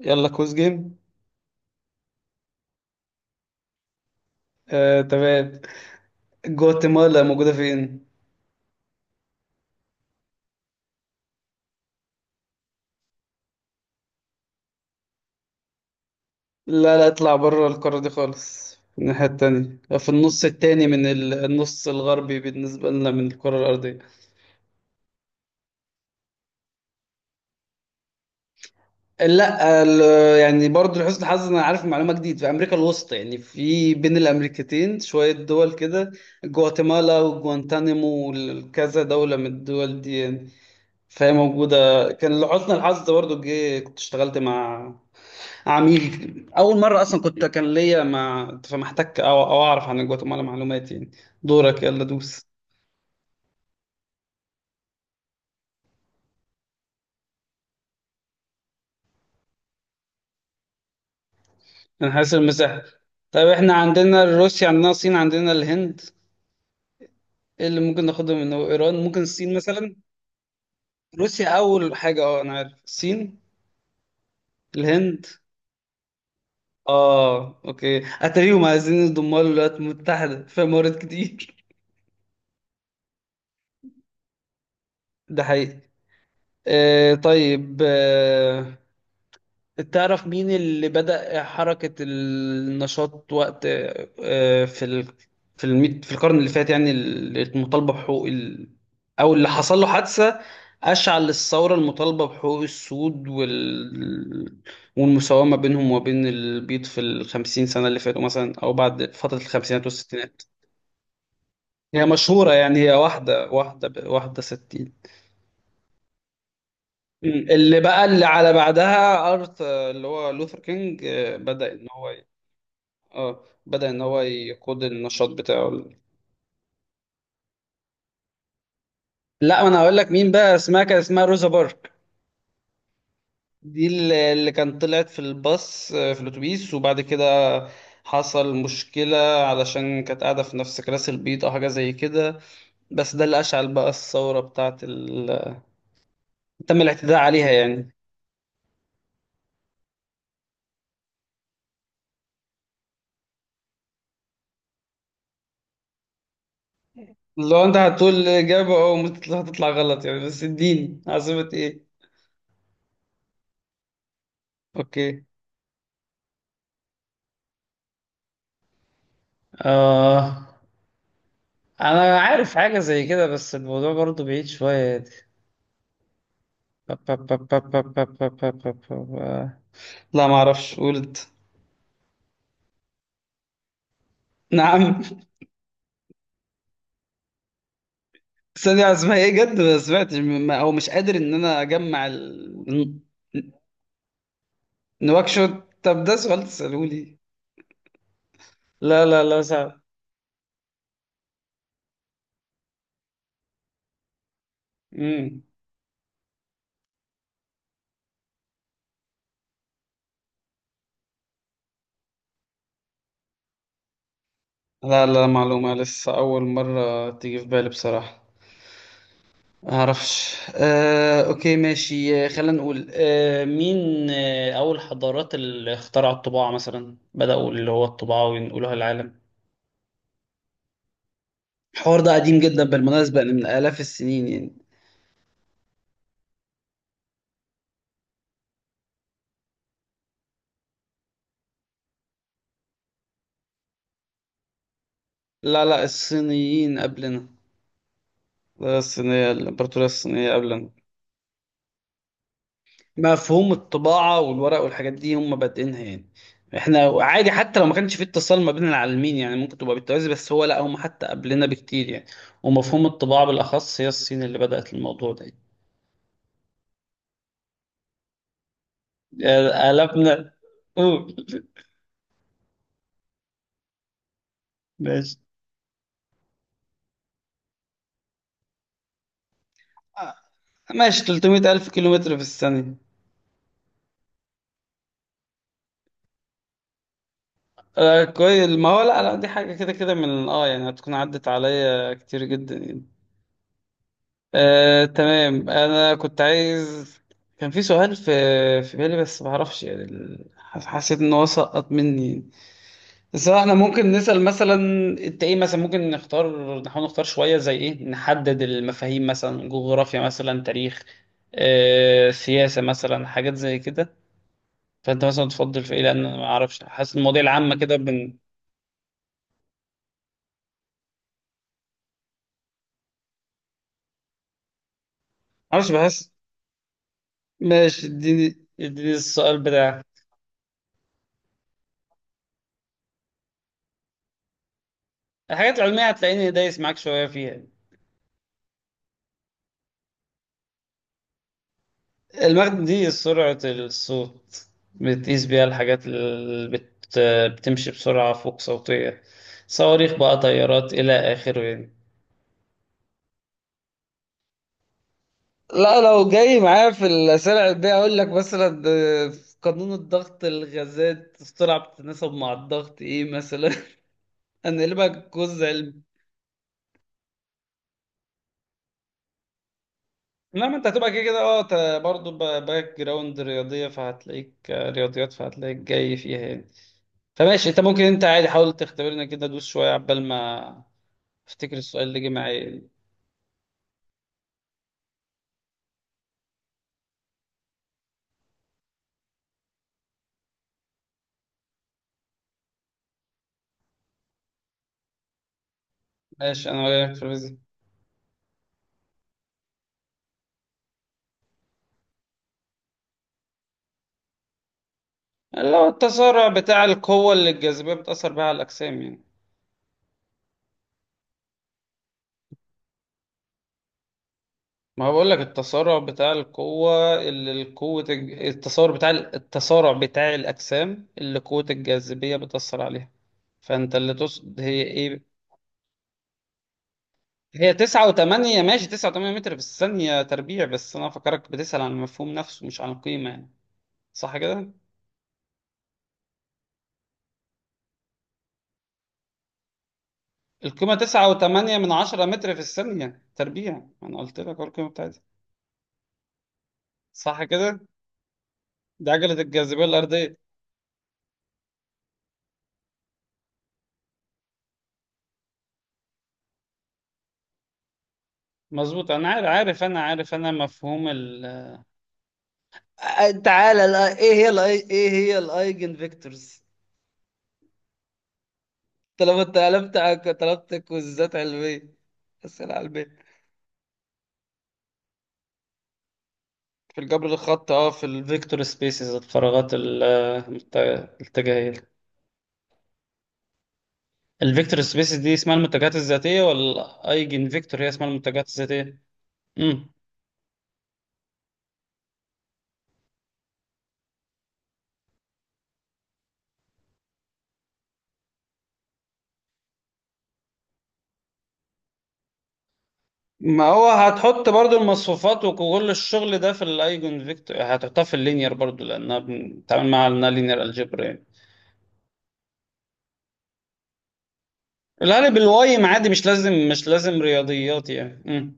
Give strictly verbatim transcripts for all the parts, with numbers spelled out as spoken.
يلا كوز جيم. آه، تمام. جواتيمالا موجودة فين؟ لا لا اطلع بره القارة دي خالص، في الناحية التانية، في النص التاني من ال- النص الغربي بالنسبة لنا من الكرة الأرضية. لا ال- يعني برضو لحسن الحظ أنا عارف معلومة جديد، في أمريكا الوسطى يعني، في بين الأمريكتين شوية دول كده، جواتيمالا وجوانتانيمو وكذا دولة من الدول دي يعني. فهي موجودة، كان لحسن الحظ برضو جه كنت اشتغلت مع عميل اول مره، اصلا كنت كان ليا ما فمحتك او او اعرف عن جواتيمالا معلومات يعني. دورك، يلا دوس. انا حاسس المساحه. طيب احنا عندنا روسيا، عندنا الصين، عندنا الهند. ايه اللي ممكن ناخده؟ من ايران، ممكن الصين مثلا. روسيا اول حاجه، اه انا عارف الصين الهند. اه اوكي، اتاريهم عايزين يضموا الولايات المتحده في مرات كتير. ده حقيقي. آه طيب، آه تعرف مين اللي بدأ حركة النشاط وقت آه، في ال... في الميت... في القرن اللي فات يعني، المطالبة بحقوق ال... أو اللي حصل له حادثة أشعل للثورة المطالبة بحقوق السود وال... والمساومة بينهم وبين البيض في الخمسين سنة اللي فاتوا مثلا، أو بعد فترة الخمسينات والستينات؟ هي مشهورة يعني، هي واحدة واحدة ب- واحدة ستين. اللي بقى اللي على بعدها أرث، آه، اللي هو لوثر كينج، آه، بدأ إن هو، اه بدأ ان هو يقود النشاط بتاعه. لا انا هقول لك مين بقى، اسمها كان اسمها روزا بارك. دي اللي اللي كانت طلعت في الباص، آه، في الاتوبيس، وبعد كده حصل مشكلة علشان كانت قاعدة في نفس كراسي البيض أو حاجة زي كده. بس ده اللي أشعل بقى الثورة بتاعة ال... تم الاعتداء عليها يعني. لو أنت هتقول إجابة أو ممكن هتطلع غلط يعني، بس اديني عاصمة إيه؟ أوكي. آه انا عارف حاجة زي كده بس الموضوع برضو بعيد شوية. با- با- با- با- با- با- با- با- با- با- لا ما اعرفش، قلت. نعم. ثانية اسمها ايه جد؟ ما سمعتش، م- ما- او مش قادر ان انا اجمع ال... نواكشوت. طب ده سؤال تسألوه لي؟ لا لا لا صعب. مم. لا لا، معلومة لسه أول مرة تيجي في بالي بصراحة. معرفش، آه، أوكي ماشي، آه، خلينا نقول، آه، مين، آه، أول حضارات اللي اخترعوا الطباعة مثلا، بدأوا اللي هو الطباعة وينقلوها للعالم؟ الحوار ده قديم جدا بالمناسبة يعني، من آلاف السنين يعني. لا لا الصينيين قبلنا. لا الصينية، الإمبراطورية الصينية قبلنا. مفهوم الطباعة والورق والحاجات دي هم بادئينها يعني. احنا عادي حتى لو ما كانش في اتصال ما بين العالمين يعني، ممكن تبقى بالتوازي، بس هو لا، هم حتى قبلنا بكتير يعني. ومفهوم الطباعة بالأخص هي الصين اللي بدأت الموضوع ده يعني. آلافنا. قول، ماشي. ماشي، تلتمية ألف كيلومتر في الثانية. آه كويس، ما هو لا لا دي حاجة كده كده من اه يعني، هتكون عدت عليا كتير جدا يعني. آه تمام. انا كنت عايز، كان في سؤال في في بالي بس ما اعرفش يعني، ال- حس- حسيت ان هو سقط مني يعني. بس احنا ممكن نسأل مثلا، انت ايه مثلا، ممكن نختار، نحاول نختار شوية زي ايه، نحدد المفاهيم مثلا، جغرافيا مثلا، تاريخ، آه سياسة مثلا، حاجات زي كده. فانت مثلا تفضل في ايه، لان أنا ما اعرفش، حاسس المواضيع العامة كده بن. معرفش، بحس. ماشي، اديني اديني السؤال بتاعك. الحاجات العلمية هتلاقيني دايس معاك شوية فيها. المغناطيس، دي سرعة الصوت، بتقيس بيها الحاجات اللي بت... بتمشي بسرعة فوق صوتية، صواريخ بقى، طيارات إلى آخره يعني. لا لو جاي معايا في الأسئلة العلمية، أقول لك مثلا ده في قانون الضغط، الغازات السرعة بتتناسب مع الضغط إيه مثلا. أنا لك جزء. لا ما انت هتبقى كده كده اه ت- برضه ب- باك جراوند رياضية، فهتلاقيك آه، رياضيات فهتلاقيك جاي فيها يعني. فماشي انت ممكن انت عادي، حاول تختبرنا كده، دوس شوية عبال ما افتكر السؤال اللي جه معايا يعني. ماشي انا وياك في الفيزياء. اللي هو التسارع بتاع القوة اللي الجاذبية بتأثر بها على الأجسام يعني. ما هو بقول لك، التسارع بتاع القوة اللي القوة الج- التسارع بتاع ال- التسارع بتاع الأجسام اللي قوة الجاذبية بتأثر عليها. فأنت اللي تقصد هي إيه؟ هي تسعة وتمانية، ماشي تسعة وتمانية متر في الثانية تربيع، بس أنا فكرك بتسأل عن المفهوم نفسه مش عن القيمة يعني، صح كده؟ القيمة تسعة وتمانية من عشرة متر في الثانية تربيع، أنا قلت لك أهو القيمة بتاعتها، صح كده؟ دي عجلة الجاذبية الأرضية. مظبوط، أنا عارف عارف أنا عارف أنا مفهوم ال، آه، تعالى الآي- ايه هي الآي... ايه هي الايجن فيكتورز؟ طالما انت طلبت طلبت كوزات علميه، اسئله علميه. في الجبر الخط، اه في الفيكتور سبيسز، الفراغات ال- المت- الاتجاهية. الفيكتور سبيسز دي اسمها المنتجات الذاتية، ولا الايجن فيكتور هي اسمها المنتجات الذاتية؟ امم، ما هو هتحط برضو المصفوفات وكل الشغل ده في الايجن فيكتور، هتحطها في اللينير برضو، لانها بنتعامل معاها لانها لينير الجبرا يعني. الغالب الواي عادي، مش لازم مش لازم رياضيات يعني. امم،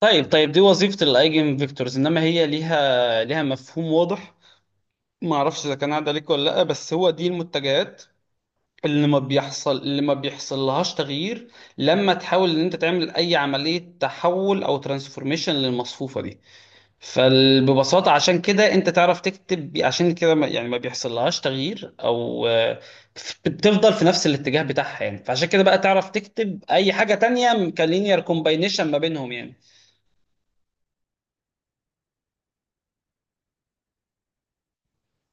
طيب طيب، دي وظيفة الايجن فيكتورز، انما هي ليها ليها مفهوم واضح، ما اعرفش اذا كان عدى عليك ولا لا، بس هو دي المتجهات اللي ما بيحصل اللي ما بيحصل لهاش تغيير لما تحاول ان انت تعمل اي عمليه تحول او ترانسفورميشن للمصفوفه دي. فببساطه عشان كده انت تعرف تكتب، عشان كده ما يعني ما بيحصل لهاش تغيير او آه، بتفضل في نفس الاتجاه بتاعها يعني، فعشان كده بقى تعرف تكتب اي حاجه تانية كلينير كومباينيشن ما بينهم يعني.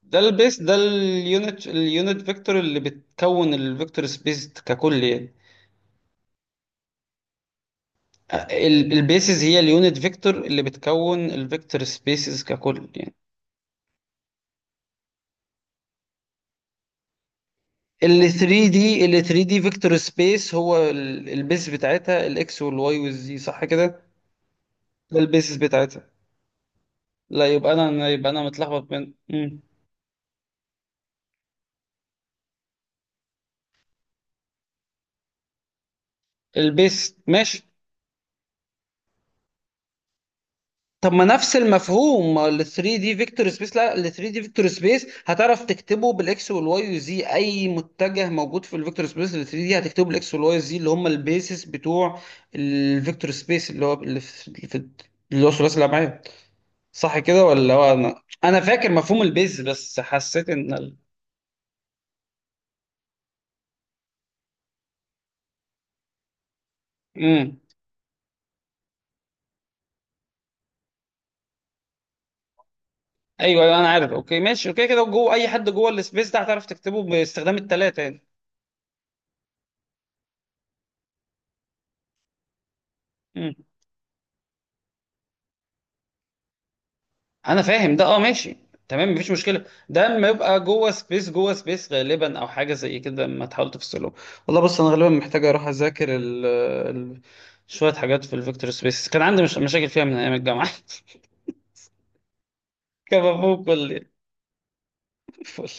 ده البيس، ده اليونت اليونت فيكتور اللي بتكون الفيكتور سبيس ككل يعني. البيسز هي اليونت فيكتور اللي بتكون الفيكتور سبيسز ككل يعني. ال ثري دي ال ثري دي فيكتور سبيس هو ال- البيس بتاعتها الاكس والواي والزي، صح كده؟ ده البيسز بتاعتها. لا يبقى انا، أنا- يبقى انا متلخبط بين. مم. البيس ماشي. طب ما نفس المفهوم، ال ثري دي فيكتور سبيس. لا ال ثري دي فيكتور سبيس هتعرف تكتبه بالاكس والواي وزي، اي متجه موجود في الفيكتور سبيس ال ثري دي هتكتبه بالاكس والواي وزي، اللي هم البيسس بتوع الفيكتور سبيس اللي هو اللي في اللي في- اللي هو ثلاثي الابعاد، صح كده؟ ولا هو، انا انا فاكر مفهوم البيز بس حسيت ان ال... امم، ايوه، أيوة، انا عارف اوكي ماشي اوكي، كده جوه اي حد جوه السبيس ده هتعرف تكتبه باستخدام الثلاثه يعني. انا فاهم ده، اه ماشي، تمام مفيش مشكله، ده اما يبقى جوه سبيس جوه سبيس غالبا او حاجه زي كده، ما تحاول تفصله. والله بص، انا غالبا محتاج اروح اذاكر ال ال شويه حاجات في الفيكتور سبيس، كان عندي مش مشاكل فيها من ايام الجامعه. كان مفهوم كل فل